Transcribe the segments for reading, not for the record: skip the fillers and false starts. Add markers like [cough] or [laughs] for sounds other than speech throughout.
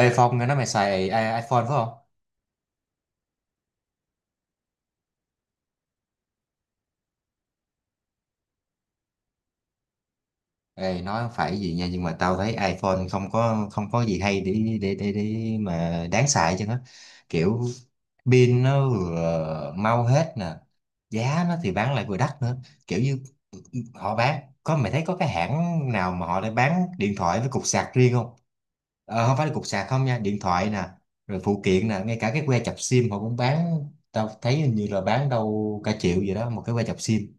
Ê Phong, nghe nói mày xài iPhone phải không? Ê, nói phải gì nha, nhưng mà tao thấy iPhone không có gì hay để mà đáng xài chứ. Nó kiểu pin nó vừa mau hết nè, giá nó thì bán lại vừa đắt nữa, kiểu như họ bán có mày thấy có cái hãng nào mà họ đã bán điện thoại với cục sạc riêng không? Ờ, không phải là cục sạc không nha, điện thoại nè, rồi phụ kiện nè, ngay cả cái que chập sim họ cũng bán. Tao thấy hình như là bán đâu cả triệu gì đó một cái que chập sim.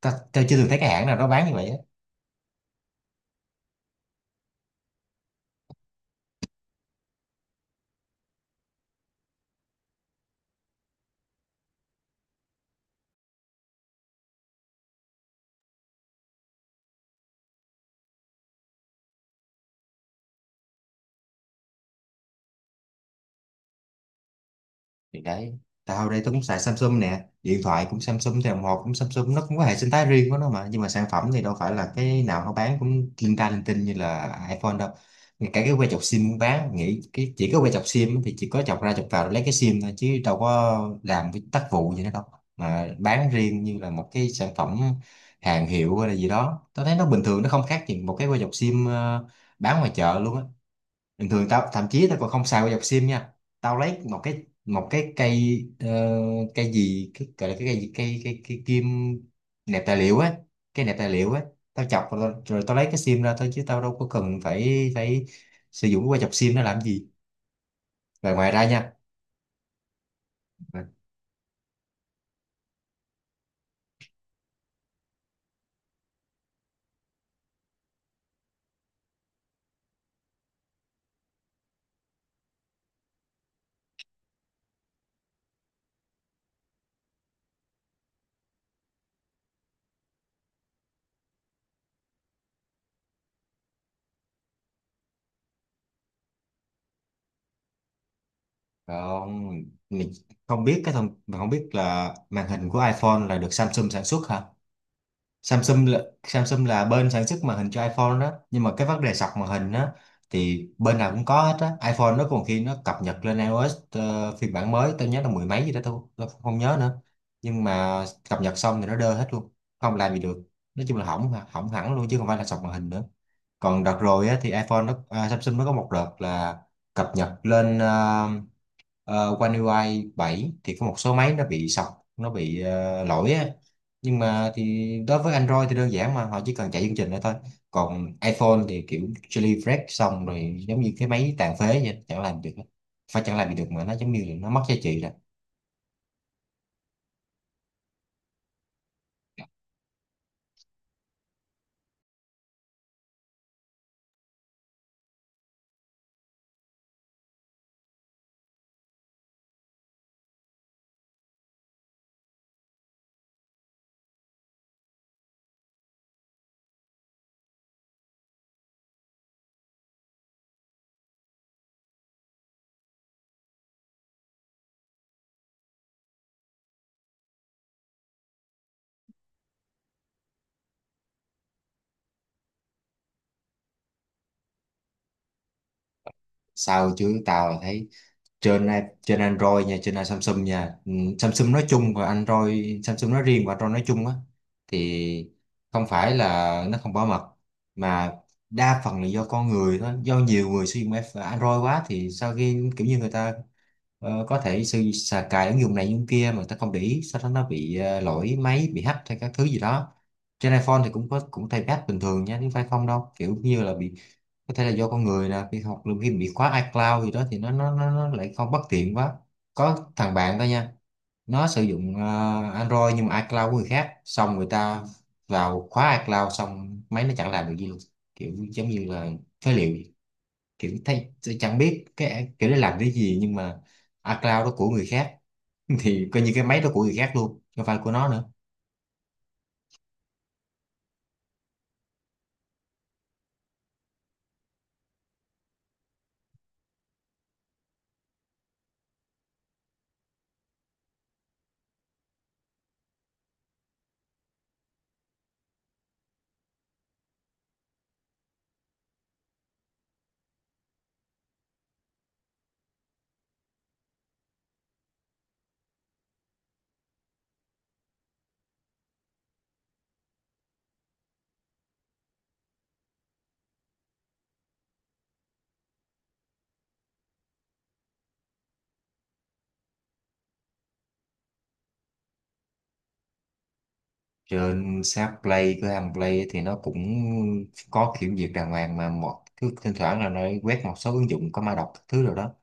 Tao chưa từng thấy cái hãng nào nó bán như vậy á. Thì đấy, tao đây tao cũng xài Samsung nè, điện thoại cũng Samsung, thì đồng hồ cũng Samsung. Nó cũng có hệ sinh thái riêng của nó mà, nhưng mà sản phẩm thì đâu phải là cái nào nó bán cũng linh ta linh tinh như là iPhone đâu. Ngay cả cái que chọc sim cũng bán, nghĩ cái chỉ có que chọc sim thì chỉ có chọc ra chọc vào rồi lấy cái sim thôi chứ đâu có làm cái tác vụ gì nữa đâu. Mà bán riêng như là một cái sản phẩm hàng hiệu hay là gì đó, tao thấy nó bình thường, nó không khác gì một cái que chọc sim bán ngoài chợ luôn á. Bình thường tao thậm chí tao còn không xài qua dọc sim nha. Tao lấy một cái cây cây gì, cái gọi là cái cây gì? Cây cây cây kim nẹp tài liệu á, cái nẹp tài liệu á. Tao chọc rồi, rồi tao lấy cái sim ra thôi, chứ tao đâu có cần phải phải sử dụng qua dọc sim nó làm gì. Và ngoài ra nha, còn mình không biết, cái thông mình không biết là màn hình của iPhone là được Samsung sản xuất hả? Samsung là bên sản xuất màn hình cho iPhone đó, nhưng mà cái vấn đề sọc màn hình á thì bên nào cũng có hết á. iPhone nó còn khi nó cập nhật lên iOS phiên bản mới tôi nhớ là mười mấy gì đó, tôi không nhớ nữa. Nhưng mà cập nhật xong thì nó đơ hết luôn, không làm gì được, nói chung là hỏng hỏng hẳn luôn chứ không phải là sọc màn hình nữa. Còn đợt rồi á thì Samsung nó có một đợt là cập nhật lên One UI 7 thì có một số máy nó bị sọc, nó bị lỗi á. Nhưng mà thì đối với Android thì đơn giản, mà họ chỉ cần chạy chương trình đó thôi. Còn iPhone thì kiểu jailbreak xong rồi giống như cái máy tàn phế vậy, chẳng làm được, phải chẳng làm gì được mà, nó giống như là nó mất giá trị rồi. Sao chứ, tao thấy trên a- trên Android nha, trên Samsung nha. Ừ, Samsung nói chung và Android, Samsung nói riêng và Android nói chung á thì không phải là nó không bảo mật, mà đa phần là do con người thôi. Do nhiều người sử dụng Android quá thì sau khi kiểu như người ta có thể sử xà cài ứng dụng này ứng dụng kia mà người ta không để ý, sau đó nó bị lỗi máy, bị hack hay các thứ gì đó. Trên iPhone thì cũng có, cũng thay bát bình thường nha, chứ phải không đâu, kiểu như là bị, có thể là do con người nè, khi học lúc khi bị khóa iCloud gì đó thì nó lại không, bất tiện quá. Có thằng bạn đó nha, nó sử dụng Android nhưng mà iCloud của người khác, xong người ta vào khóa iCloud xong máy nó chẳng làm được gì luôn, kiểu giống như là phế liệu vậy. Kiểu thấy tôi chẳng biết cái kiểu để làm cái gì, nhưng mà iCloud đó của người khác [laughs] thì coi như cái máy đó của người khác luôn, không phải của nó nữa. Trên sáp play, cửa hàng play ấy thì nó cũng có kiểm duyệt đàng hoàng mà, một cứ thỉnh thoảng là nó quét một số ứng dụng có mã độc các thứ rồi đó.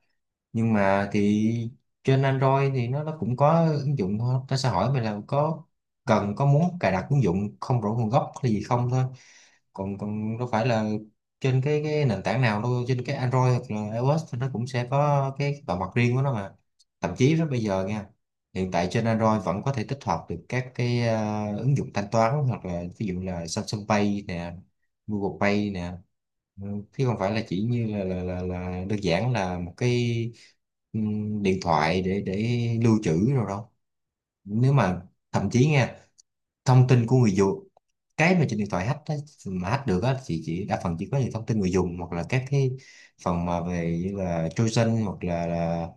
Nhưng mà thì trên Android thì nó cũng có ứng dụng thôi, nó sẽ hỏi mình là có cần, có muốn cài đặt ứng dụng không rõ nguồn gốc hay gì không thôi. Còn còn đâu phải là trên cái nền tảng nào đâu, trên cái Android hoặc là iOS thì nó cũng sẽ có cái bảo mật riêng của nó mà. Thậm chí với bây giờ nha, hiện tại trên Android vẫn có thể tích hợp được các cái ứng dụng thanh toán hoặc là ví dụ là Samsung Pay nè, Google Pay nè. Ừ, chứ không phải là chỉ như là đơn giản là một cái điện thoại để lưu trữ rồi đâu. Nếu mà, thậm chí nha, thông tin của người dùng, cái mà trên điện thoại hack á, mà hack được á thì chỉ đa phần chỉ có những thông tin người dùng hoặc là các cái phần mà về như là trojan hoặc là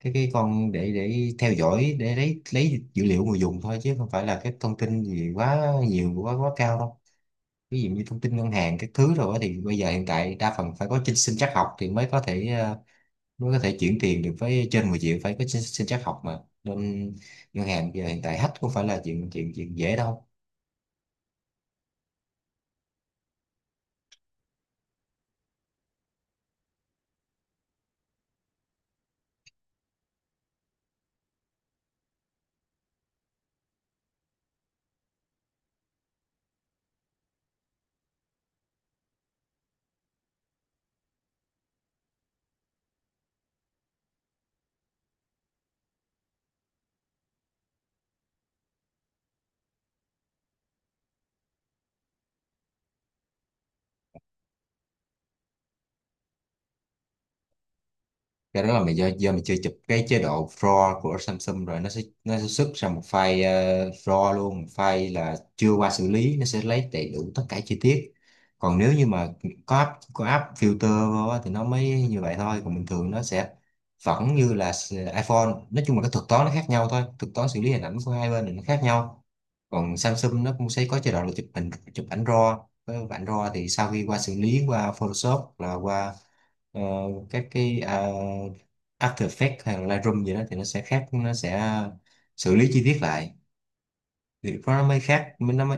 cái con để theo dõi để lấy dữ liệu người dùng thôi, chứ không phải là các thông tin gì quá nhiều quá quá cao đâu. Ví dụ như thông tin ngân hàng các thứ rồi á thì bây giờ hiện tại đa phần phải có trên sinh trắc học thì mới có thể, mới có thể chuyển tiền được. Với trên 10 triệu phải có trên sinh trắc học mà. Nên ngân hàng bây giờ hiện tại hack cũng phải là chuyện chuyện chuyện dễ đâu. Cái đó là mày do mày chưa chụp cái chế độ RAW của Samsung rồi, nó sẽ xuất ra một file RAW luôn, một file là chưa qua xử lý, nó sẽ lấy đầy đủ tất cả chi tiết. Còn nếu như mà có app filter vô á thì nó mới như vậy thôi. Còn bình thường nó sẽ vẫn như là iPhone, nói chung là cái thuật toán nó khác nhau thôi, thuật toán xử lý hình ảnh của hai bên thì nó khác nhau. Còn Samsung nó cũng sẽ có chế độ là chụp hình, chụp ảnh RAW. Với ảnh RAW thì sau khi qua xử lý qua Photoshop hoặc là qua ờ, các cái After Effects hay là Lightroom gì đó thì nó sẽ khác, nó sẽ xử lý chi tiết lại, thì lúc nó mới khác, mới nó mới.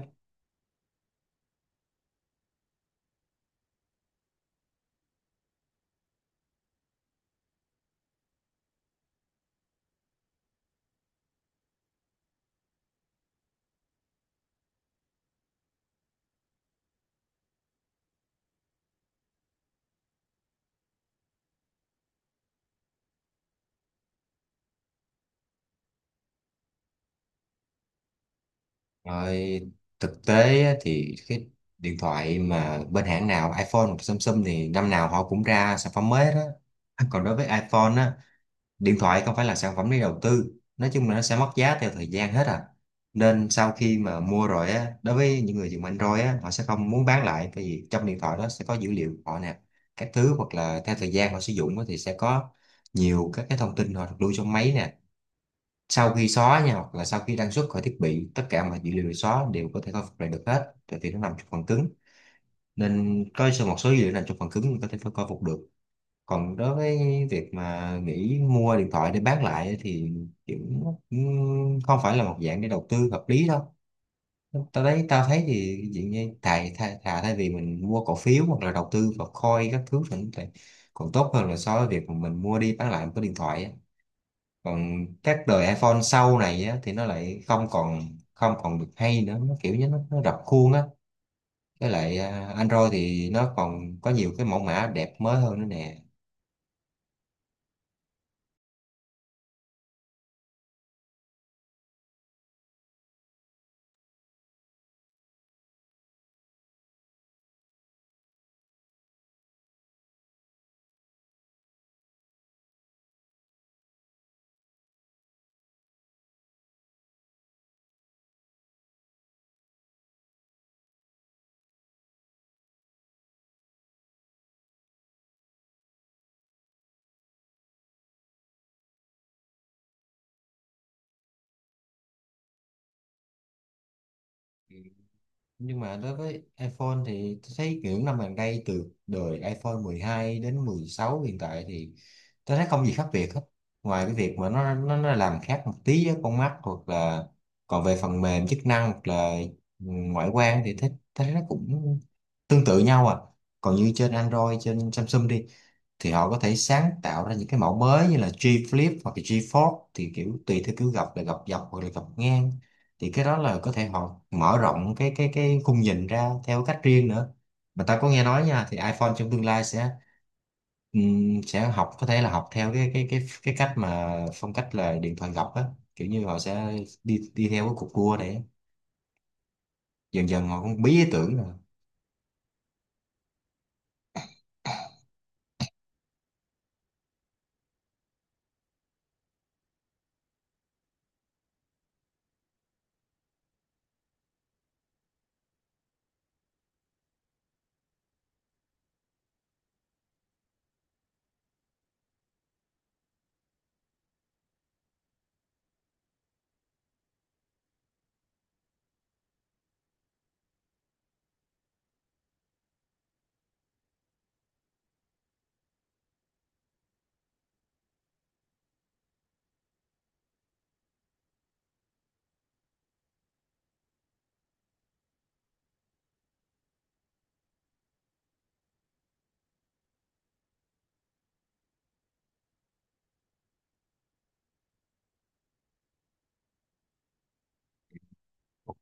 Rồi, thực tế á thì cái điện thoại mà bên hãng nào iPhone hoặc Samsung thì năm nào họ cũng ra sản phẩm mới đó. Còn đối với iPhone á, điện thoại không phải là sản phẩm để đầu tư, nói chung là nó sẽ mất giá theo thời gian hết à. Nên sau khi mà mua rồi á, đối với những người dùng Android á họ sẽ không muốn bán lại, tại vì trong điện thoại đó sẽ có dữ liệu của họ nè, các thứ, hoặc là theo thời gian họ sử dụng á thì sẽ có nhiều các cái thông tin họ được lưu trong máy nè. Sau khi xóa nha, hoặc là sau khi đăng xuất khỏi thiết bị, tất cả mọi dữ liệu được xóa đều có thể khôi phục lại được hết, tại vì nó nằm trong phần cứng. Nên có một số dữ liệu nằm trong phần cứng, mình có thể khôi phục được. Còn đối với việc mà nghĩ mua điện thoại để bán lại ấy thì kiểu không phải là một dạng để đầu tư hợp lý đâu. Tao thấy thì dạng như thà thay vì mình mua cổ phiếu hoặc là đầu tư vào coin các thứ thì còn tốt hơn là so với việc mà mình mua đi bán lại một cái điện thoại á. Còn các đời iPhone sau này á thì nó lại không còn được hay nữa, nó kiểu như nó rập khuôn á. Với lại Android thì nó còn có nhiều cái mẫu mã đẹp mới hơn nữa nè. Nhưng mà đối với iPhone thì tôi thấy kiểu năm gần đây từ đời iPhone 12 đến 16 hiện tại thì tôi thấy không gì khác biệt hết. Ngoài cái việc mà nó làm khác một tí với con mắt, hoặc là còn về phần mềm chức năng hoặc là ngoại quan thì thấy thấy nó cũng tương tự nhau à. Còn như trên Android, trên Samsung đi thì họ có thể sáng tạo ra những cái mẫu mới như là G Flip hoặc là G Fold thì kiểu tùy theo kiểu gập là gập dọc hoặc là gập ngang. Thì cái đó là có thể họ mở rộng cái khung nhìn ra theo cách riêng nữa. Mà ta có nghe nói nha thì iPhone trong tương lai sẽ học, có thể là học theo cái cách mà phong cách là điện thoại gập á. Kiểu như họ sẽ đi đi theo cái cục cua để dần dần họ cũng bí ý tưởng.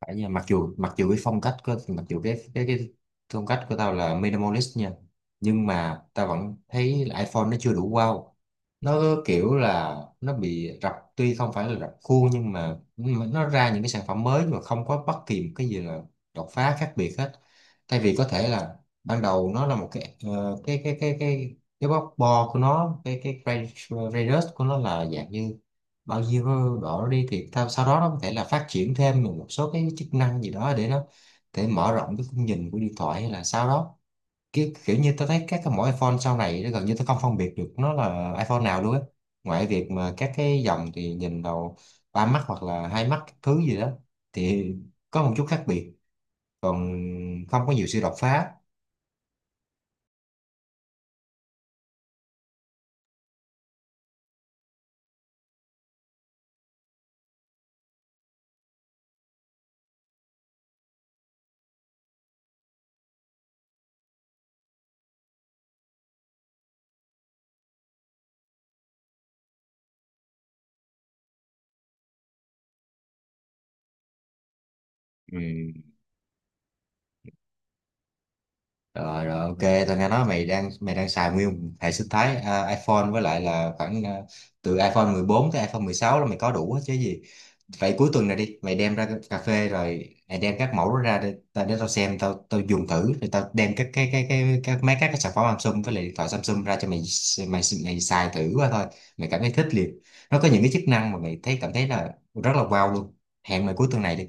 Phải nha, mặc dù cái phong cách của mặc dù cái phong cách của tao là minimalist nha. Nhưng mà tao vẫn thấy là iPhone nó chưa đủ wow. Nó kiểu là nó bị rập, tuy không phải là rập khuôn, nhưng mà nó ra những cái sản phẩm mới mà không có bất kỳ một cái gì là đột phá khác biệt hết. Thay vì có thể là ban đầu nó là một cái cái bóc bo của nó, cái radius của nó là dạng như bao nhiêu độ. Nó đi thì tao, sau đó nó có thể là phát triển thêm một số cái chức năng gì đó để nó, để mở rộng cái khung nhìn của điện thoại hay là sau đó kiểu như tôi thấy các cái, mỗi iPhone sau này nó gần như tôi không phân biệt được nó là iPhone nào luôn á, ngoài việc mà các cái dòng thì nhìn đầu ba mắt hoặc là hai mắt các thứ gì đó thì có một chút khác biệt, còn không có nhiều sự đột phá. Ừ. Rồi rồi ok, tao nghe nói mày đang xài nguyên hệ sinh thái iPhone, với lại là khoảng từ iPhone 14 tới iPhone 16 là mày có đủ hết chứ gì. Vậy cuối tuần này đi, mày đem ra cái cà phê rồi mày đem các mẫu đó ra để, để tao xem, tao tao dùng thử, rồi tao đem các cái các mấy các cái sản phẩm Samsung với lại điện thoại Samsung ra cho mày, mày xài thử qua thôi. Mày cảm thấy thích liền. Nó có những cái chức năng mà mày thấy cảm thấy là rất là wow luôn. Hẹn mày cuối tuần này đi.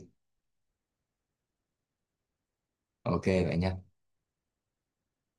Ok vậy nha.